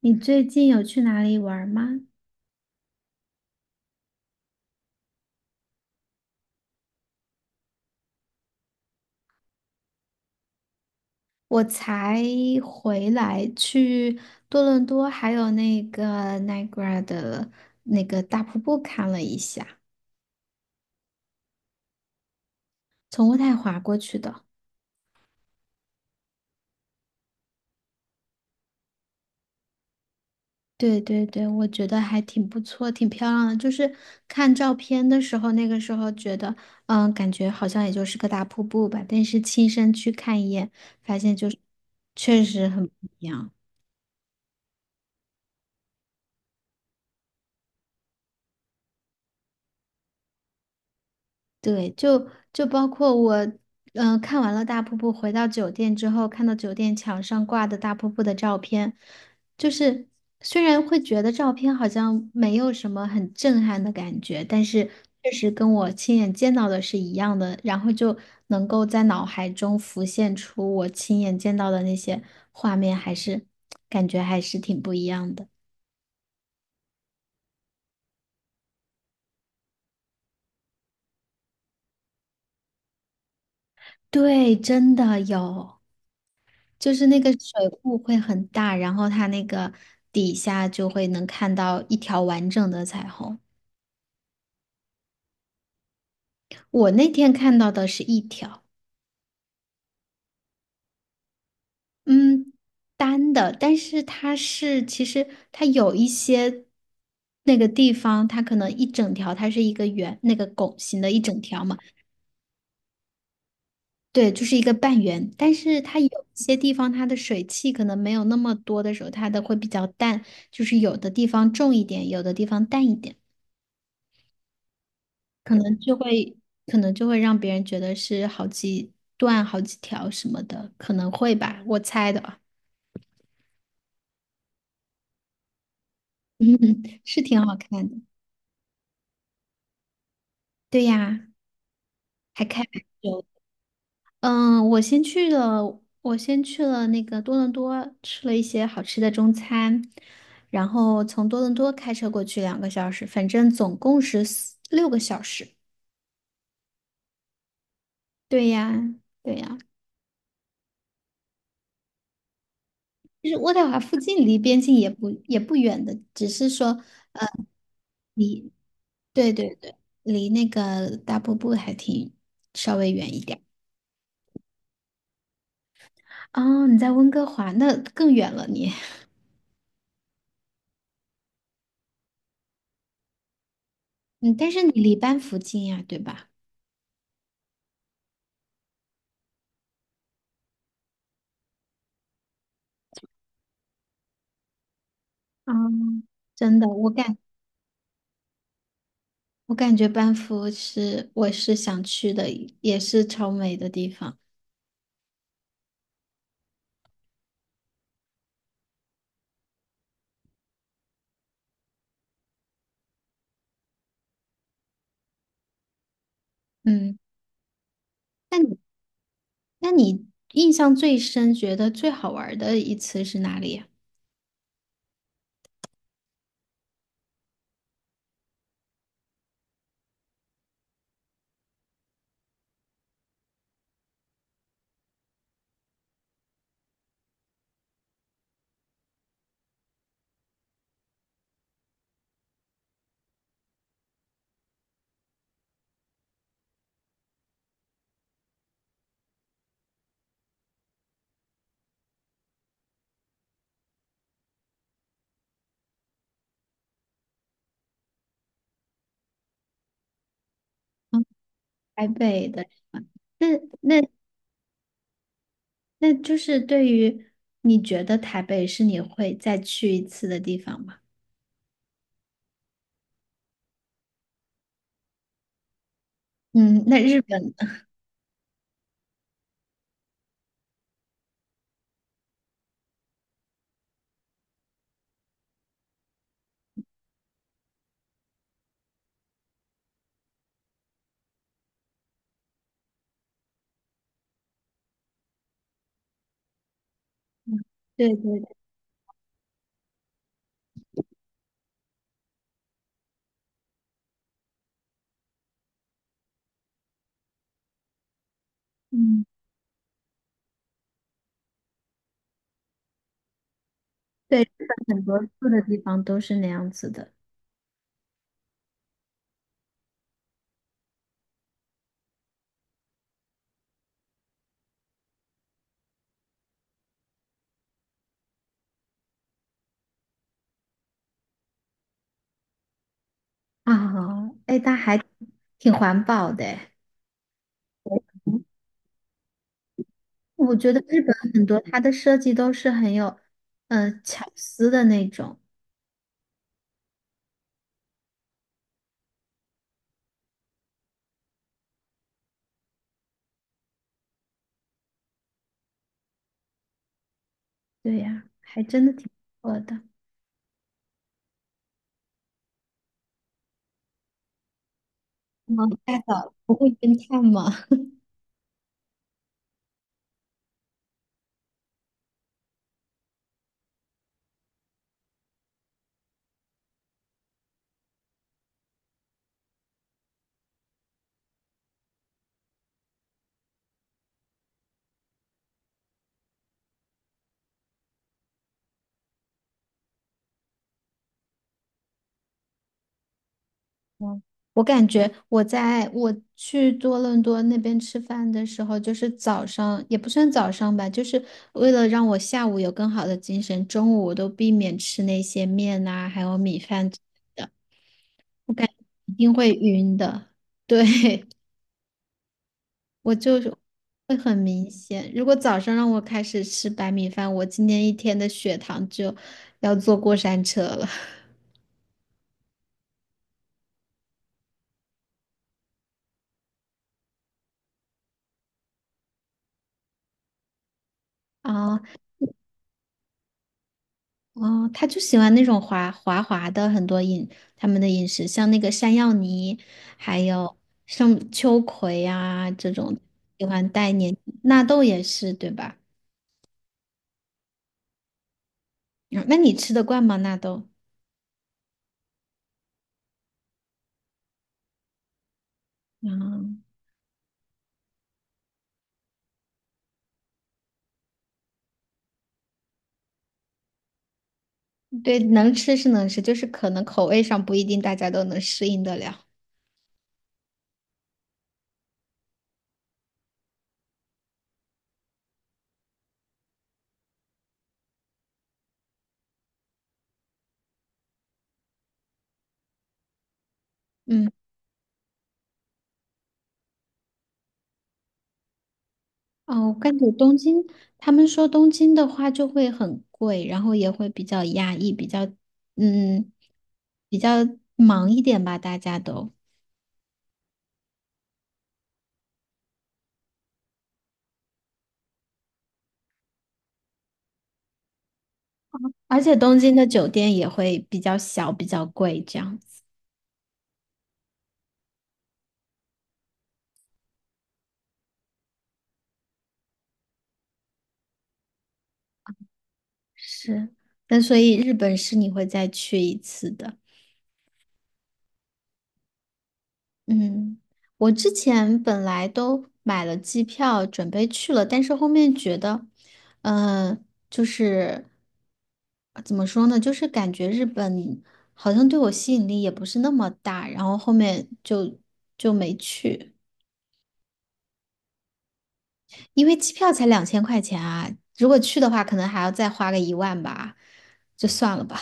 你最近有去哪里玩儿吗？我才回来，去多伦多还有那个 Niagara 的那个大瀑布看了一下，从渥太华过去的。对对对，我觉得还挺不错，挺漂亮的。就是看照片的时候，那个时候觉得，感觉好像也就是个大瀑布吧，但是亲身去看一眼，发现就是确实很不一样。对，就包括我，看完了大瀑布，回到酒店之后，看到酒店墙上挂的大瀑布的照片，就是虽然会觉得照片好像没有什么很震撼的感觉，但是确实跟我亲眼见到的是一样的，然后就能够在脑海中浮现出我亲眼见到的那些画面，还是感觉还是挺不一样的。对，真的有。就是那个水库会很大，然后它那个底下就会能看到一条完整的彩虹。我那天看到的是一条，嗯，单的，但是其实它有一些那个地方，它可能一整条它是一个圆，那个拱形的一整条嘛，对，就是一个半圆。但是它有一些地方它的水汽可能没有那么多的时候，它的会比较淡，就是有的地方重一点，有的地方淡一点。可能就会可能就会让别人觉得是好几段、好几条什么的，可能会吧，我猜的。嗯，是挺好看的。对呀，还开蛮久。我先去了那个多伦多，吃了一些好吃的中餐，然后从多伦多开车过去2个小时，反正总共是四六个小时。对呀，对呀。其实渥太华附近离边境也不远的，只是说。离。对对对，离那个大瀑布还挺稍微远一点儿。哦，你在温哥华，那更远了你。嗯，但是你离班夫近呀，对吧？嗯，真的，我感觉班夫是我是想去的，也是超美的地方。嗯，那你那你印象最深，觉得最好玩儿的一次是哪里呀？嗯，台北的地方。那那那就是对于你觉得台北是你会再去一次的地方吗？嗯，那日本，嗯，对对对，嗯，对，日本很多住的地方都是那样子的。啊，哎，它还挺环保的诶，我觉得日本很多它的设计都是很有，巧思的那种，对呀、还真的挺不错的。嗯，大嫂不会侦探吗？嗯，我感觉我去多伦多那边吃饭的时候，就是早上也不算早上吧，就是为了让我下午有更好的精神，中午我都避免吃那些面呐、还有米饭，一定会晕的。对，我就是会很明显。如果早上让我开始吃白米饭，我今天一天的血糖就要坐过山车了。啊。哦，他就喜欢那种滑滑的很多他们的饮食，像那个山药泥，还有像秋葵啊这种，喜欢带黏纳豆也是对吧？嗯，那你吃得惯吗？纳豆？嗯，对，能吃是能吃，就是可能口味上不一定大家都能适应得了。嗯，哦，我感觉东京，他们说东京的话就会很贵，然后也会比较压抑，嗯，比较忙一点吧，大家都。而且东京的酒店也会比较小，比较贵这样子。是，那所以日本是你会再去一次的。嗯，我之前本来都买了机票，准备去了，但是后面觉得，嗯，就是怎么说呢，就是感觉日本好像对我吸引力也不是那么大，然后后面就没去。因为机票才2000块钱啊，如果去的话，可能还要再花个一万吧，就算了吧。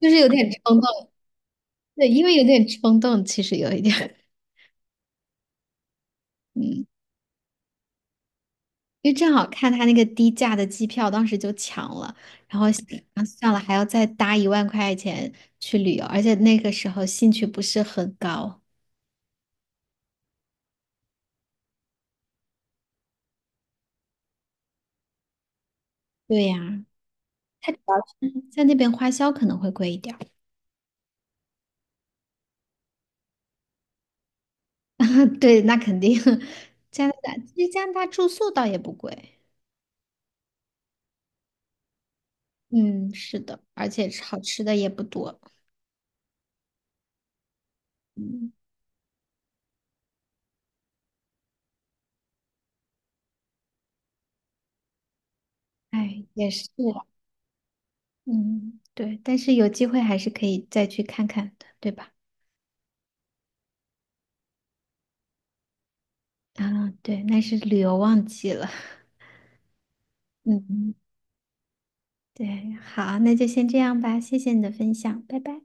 就是有点冲动，对，因为有点冲动，其实有一点，嗯，因为正好看他那个低价的机票，当时就抢了，然后想算了，还要再搭1万块钱去旅游，而且那个时候兴趣不是很高。对呀，他主要是在那边花销可能会贵一点儿。对，那肯定。加拿大其实加拿大住宿倒也不贵，嗯，是的，而且好吃的也不多。嗯，哎，也是啊嗯，对，但是有机会还是可以再去看看的，对吧？啊，对，那是旅游旺季了。嗯，对，好，那就先这样吧，谢谢你的分享，拜拜。